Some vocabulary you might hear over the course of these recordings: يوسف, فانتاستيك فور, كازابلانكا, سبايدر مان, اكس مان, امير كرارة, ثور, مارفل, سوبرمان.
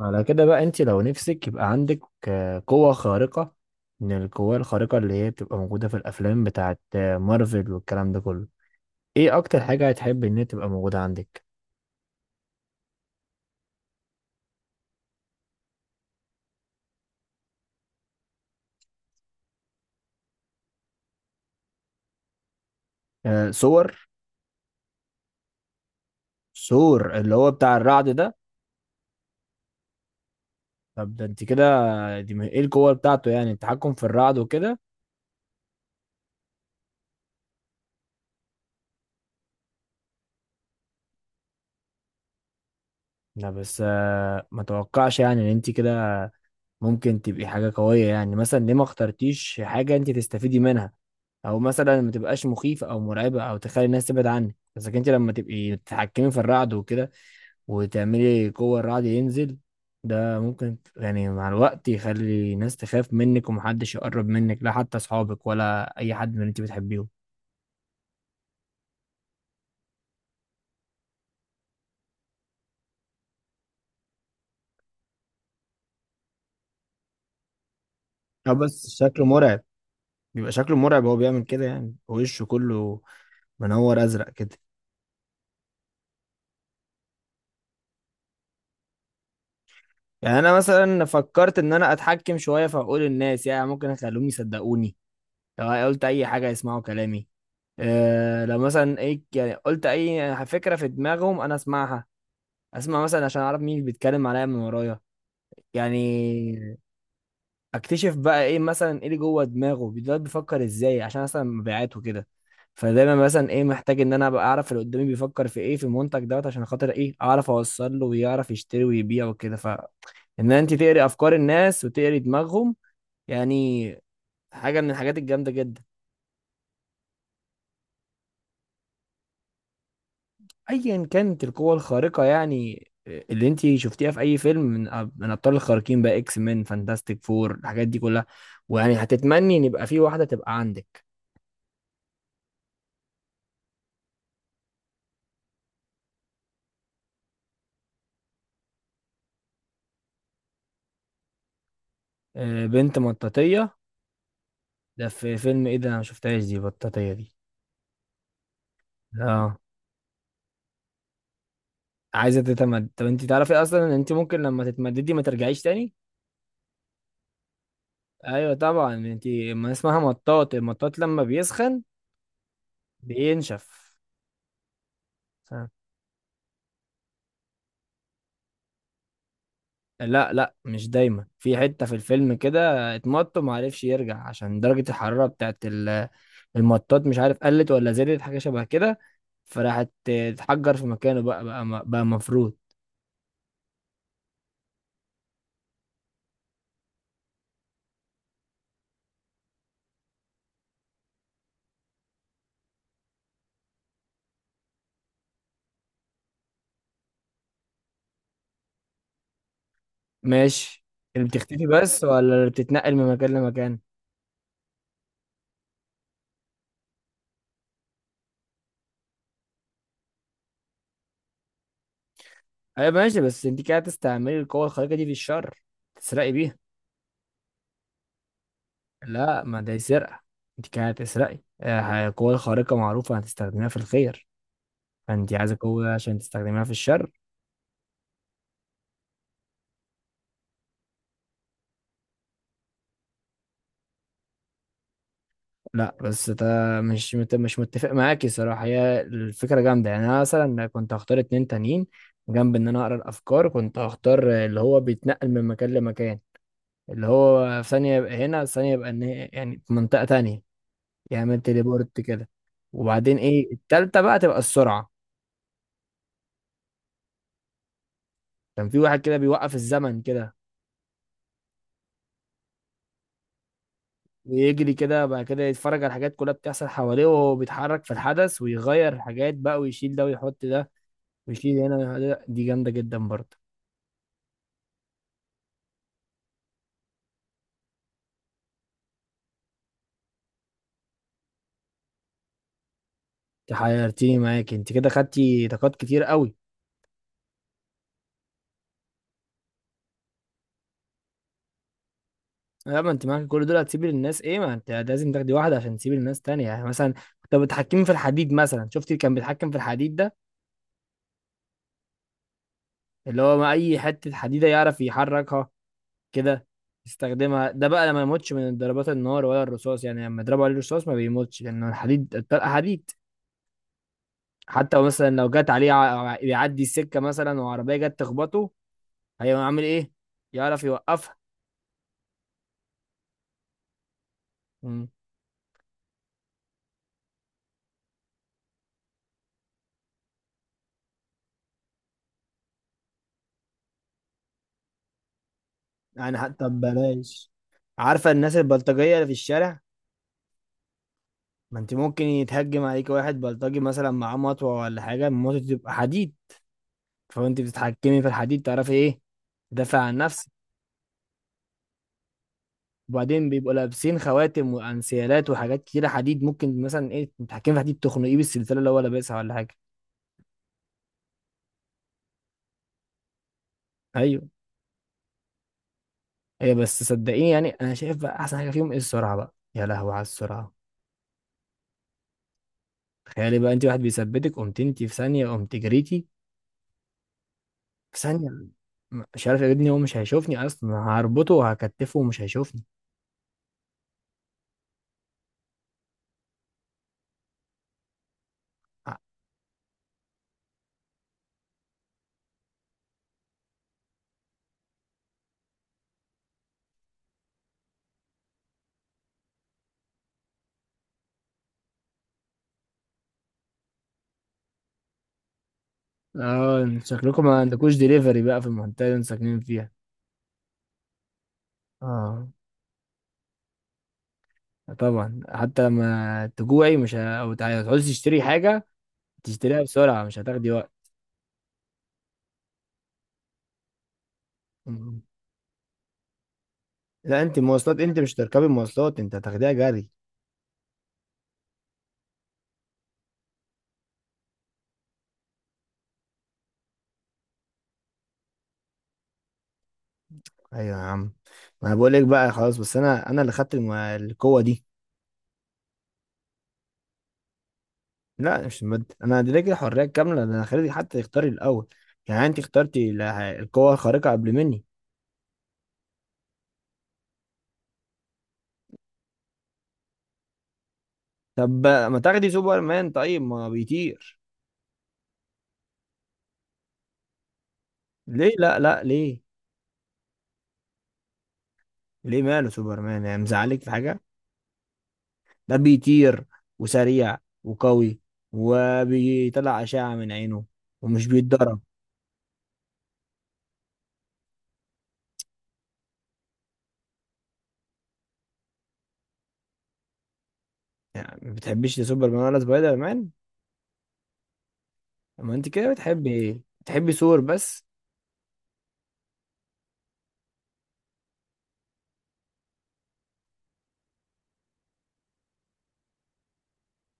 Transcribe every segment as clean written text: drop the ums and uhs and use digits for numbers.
على كده بقى انت لو نفسك يبقى عندك قوة خارقة من القوة الخارقة اللي هي بتبقى موجودة في الأفلام بتاعت مارفل والكلام ده كله. ايه أكتر حاجة هتحب ان هي تبقى موجودة عندك؟ سور. سور اللي هو بتاع الرعد ده. طب ده انت كده. ايه القوة بتاعته؟ يعني التحكم في الرعد وكده. لا بس ما توقعش يعني ان انت كده ممكن تبقي حاجة قوية. يعني مثلا ليه ما اخترتيش حاجة انت تستفيدي منها؟ او مثلا ما تبقاش مخيفه او مرعبه او تخلي الناس تبعد عنك. بس لكن انت لما تبقي تتحكمي في الرعد وكده، وتعملي قوه الرعد ينزل، ده ممكن يعني مع الوقت يخلي الناس تخاف منك، ومحدش يقرب منك، لا حتى اصحابك ولا اي حد من اللي انت بتحبيهم. اه بس شكله مرعب. بيبقى شكله مرعب وهو بيعمل كده، يعني وشه كله منور ازرق كده. يعني انا مثلا فكرت ان انا اتحكم شويه في عقول الناس. يعني ممكن اخليهم يصدقوني، لو قلت اي حاجه يسمعوا كلامي. آه لو مثلا ايه، يعني قلت اي فكره في دماغهم انا اسمعها. اسمع مثلا عشان اعرف مين بيتكلم عليا من ورايا، يعني اكتشف بقى ايه مثلا، ايه اللي جوه دماغه ده، بيفكر ازاي عشان مثلا مبيعاته كده. فدايما مثلا ايه، محتاج ان انا ابقى اعرف اللي قدامي بيفكر في ايه في المنتج دوت، عشان خاطر ايه اعرف اوصل له ويعرف يشتري ويبيع وكده. فان انت تقري افكار الناس وتقري دماغهم، يعني حاجه من الحاجات الجامده جدا. ايا كانت القوة الخارقة يعني، اللي انت شفتيها في اي فيلم من من ابطال الخارقين بقى، اكس مان، فانتاستيك فور، الحاجات دي كلها، ويعني هتتمني ان يبقى في واحدة تبقى عندك. بنت مطاطية! ده في فيلم ايه ده؟ انا ما شفتهاش دي، بطاطية دي! اه عايزة تتمد؟ طب انت تعرفي اصلا ان انت ممكن لما تتمددي ما ترجعيش تاني. ايوه طبعا انت، ما اسمها مطاط، المطاط لما بيسخن بينشف. لا لا، مش دايما. في حتة في الفيلم كده اتمط وما عرفش يرجع عشان درجة الحرارة بتاعت المطاط، مش عارف قلت ولا زادت، حاجة شبه كده. فراحت اتحجر في مكانه بقى. بقى مفروض. ماشي. اللي بتختفي بس، ولا اللي بتتنقل من مكان لمكان؟ ايوه ماشي، بس انت كده هتستعملي القوة الخارقة دي في الشر، تسرقي بيها. لا، ما ده سرقة. انت كده هتسرقي. القوة الخارقة معروفة هتستخدميها في الخير، فانت عايزة قوة عشان تستخدميها في الشر. لا بس ده مش متفق معاكي صراحة. هي الفكرة جامدة يعني. أنا مثلا كنت هختار 2 تانيين، جنب إن أنا أقرأ الأفكار كنت هختار اللي هو بيتنقل من مكان لمكان، اللي هو في ثانية يبقى هنا في ثانية يبقى يعني في منطقة تانية. يعمل تليبورت كده. وبعدين إيه التالتة بقى؟ تبقى السرعة. كان في واحد كده بيوقف الزمن كده، ويجري كده بعد كده يتفرج على الحاجات كلها بتحصل حواليه وهو بيتحرك في الحدث، ويغير حاجات بقى، ويشيل ده ويحط ده، ويشيل هنا ويحط ده. دي جامدة جدا برضه. انت حيرتيني معاك، انت كده خدتي طاقات كتير قوي. لا، ما انت معاك كل دول هتسيبي للناس ايه؟ ما انت لازم تاخدي واحده عشان تسيبي للناس تانية. يعني مثلا طب بتحكمي في الحديد مثلا، شفتي اللي كان بيتحكم في الحديد ده، اللي هو ما اي حته حديده يعرف يحركها كده، يستخدمها. ده بقى لما يموتش من ضربات النار ولا الرصاص. يعني لما يضربوا عليه الرصاص ما بيموتش لانه الحديد، الطلقه حديد. حتى مثلا لو جت عليه بيعدي السكه مثلا وعربيه جت تخبطه، هيعمل ايه؟ يعرف يوقفها. يعني حتى ببلاش. عارفة الناس البلطجية اللي في الشارع؟ ما انت ممكن يتهجم عليك واحد بلطجي مثلا معاه مطوة ولا حاجة، المطوة تبقى حديد، فانت بتتحكمي في الحديد تعرفي ايه تدافع عن نفسك. وبعدين بيبقوا لابسين خواتم وانسيالات وحاجات كتيرة حديد، ممكن مثلا ايه تتحكمي في حديد تخنقيه بالسلسلة اللي هو لابسها ولا حاجة. ايوه، هي بس صدقيني، يعني انا شايف بقى احسن حاجة فيهم ايه؟ السرعة بقى، يا لهوي على السرعة. تخيلي بقى انت واحد بيثبتك، قمت انت في ثانية قمت جريتي في ثانية. مش عارف يا ابني، هو مش هيشوفني اصلا، هربطه وهكتفه ومش هيشوفني. اه شكلكم ما عندكوش دليفري بقى في المنطقة اللي انتوا ساكنين فيها. اه طبعا، حتى لما تجوعي مش تعوزي تشتري حاجة، تشتريها بسرعة مش هتاخدي وقت. مم. لا، انت مواصلات؟ انت مش تركبي مواصلات، انت هتاخديها جري. ايوه يا عم، ما انا بقول لك بقى خلاص. بس انا اللي خدت القوة دي. لا مش المادة، انا اديتك الحرية الكاملة، ده انا خليتك حتى تختاري الاول. يعني انت اخترتي القوة الخارقة قبل مني. طب ما تاخدي سوبرمان، طيب ما بيطير. ليه لا؟ لا ليه؟ ليه ماله سوبرمان؟ يعني مزعلك في حاجة؟ ده بيطير، وسريع، وقوي، وبيطلع أشعة من عينه، ومش بيتضرب. يعني ما بتحبيش لا سوبرمان ولا سبايدر مان؟ ما انت كده بتحبي ايه؟ بتحبي ثور بس؟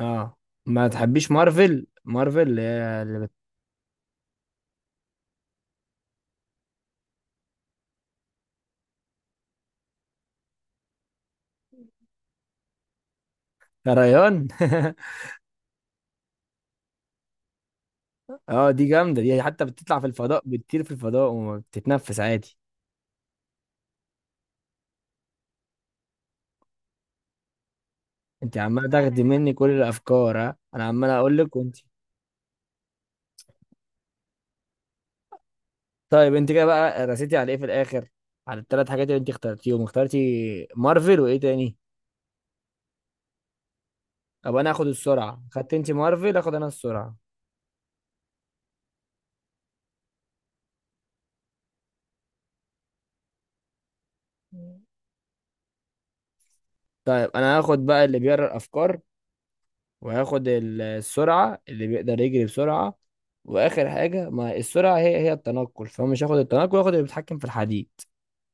اه ما تحبيش مارفل، مارفل اللي هي اللي يا ريان اه دي جامده دي، حتى بتطلع في الفضاء، بتطير في الفضاء وما بتتنفس عادي. انت عماله تاخدي مني كل الافكار، ها انا عمال اقول لك وانت. طيب انت كده بقى رسيتي على ايه في الاخر؟ على ال3 حاجات اللي انت اخترتيهم، اخترتي مارفل وايه تاني؟ طب انا هاخد السرعه، خدت انت مارفل اخد انا السرعه. طيب انا هاخد بقى اللي بيقرا الافكار، وهاخد السرعه اللي بيقدر يجري بسرعه. واخر حاجه، ما السرعه هي هي التنقل، فمش هاخد التنقل، هاخد اللي بيتحكم في الحديد.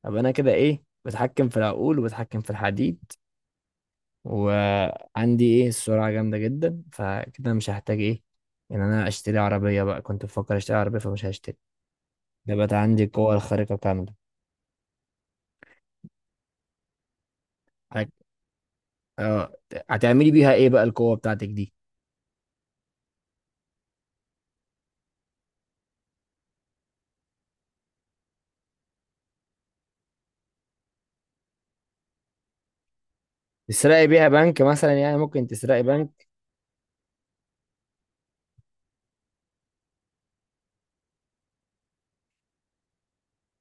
ابقى انا كده ايه، بتحكم في العقول وبتحكم في الحديد، وعندي ايه السرعه جامده جدا. فكده مش هحتاج ايه ان انا اشتري عربيه بقى، كنت بفكر اشتري عربيه فمش هشتري. ده بقى عندي القوه الخارقه كامله. هت- اه، هتعملي بيها ايه بقى القوه بتاعتك دي؟ تسرقي بيها بنك مثلا؟ يعني ممكن تسرقي بنك.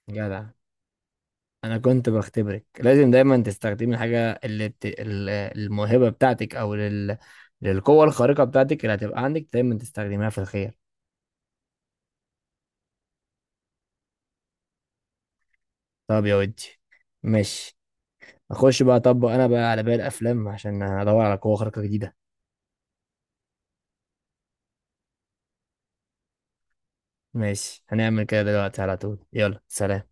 جدع. انا كنت بختبرك. لازم دايما تستخدمي الحاجه اللي الموهبه بتاعتك، او للقوه الخارقه بتاعتك اللي هتبقى عندك، دايما تستخدميها في الخير. طب يا ودي، ماشي. اخش بقى اطبق انا بقى على باقي الافلام عشان ادور على قوة خارقة جديدة. ماشي هنعمل كده دلوقتي على طول، يلا سلام.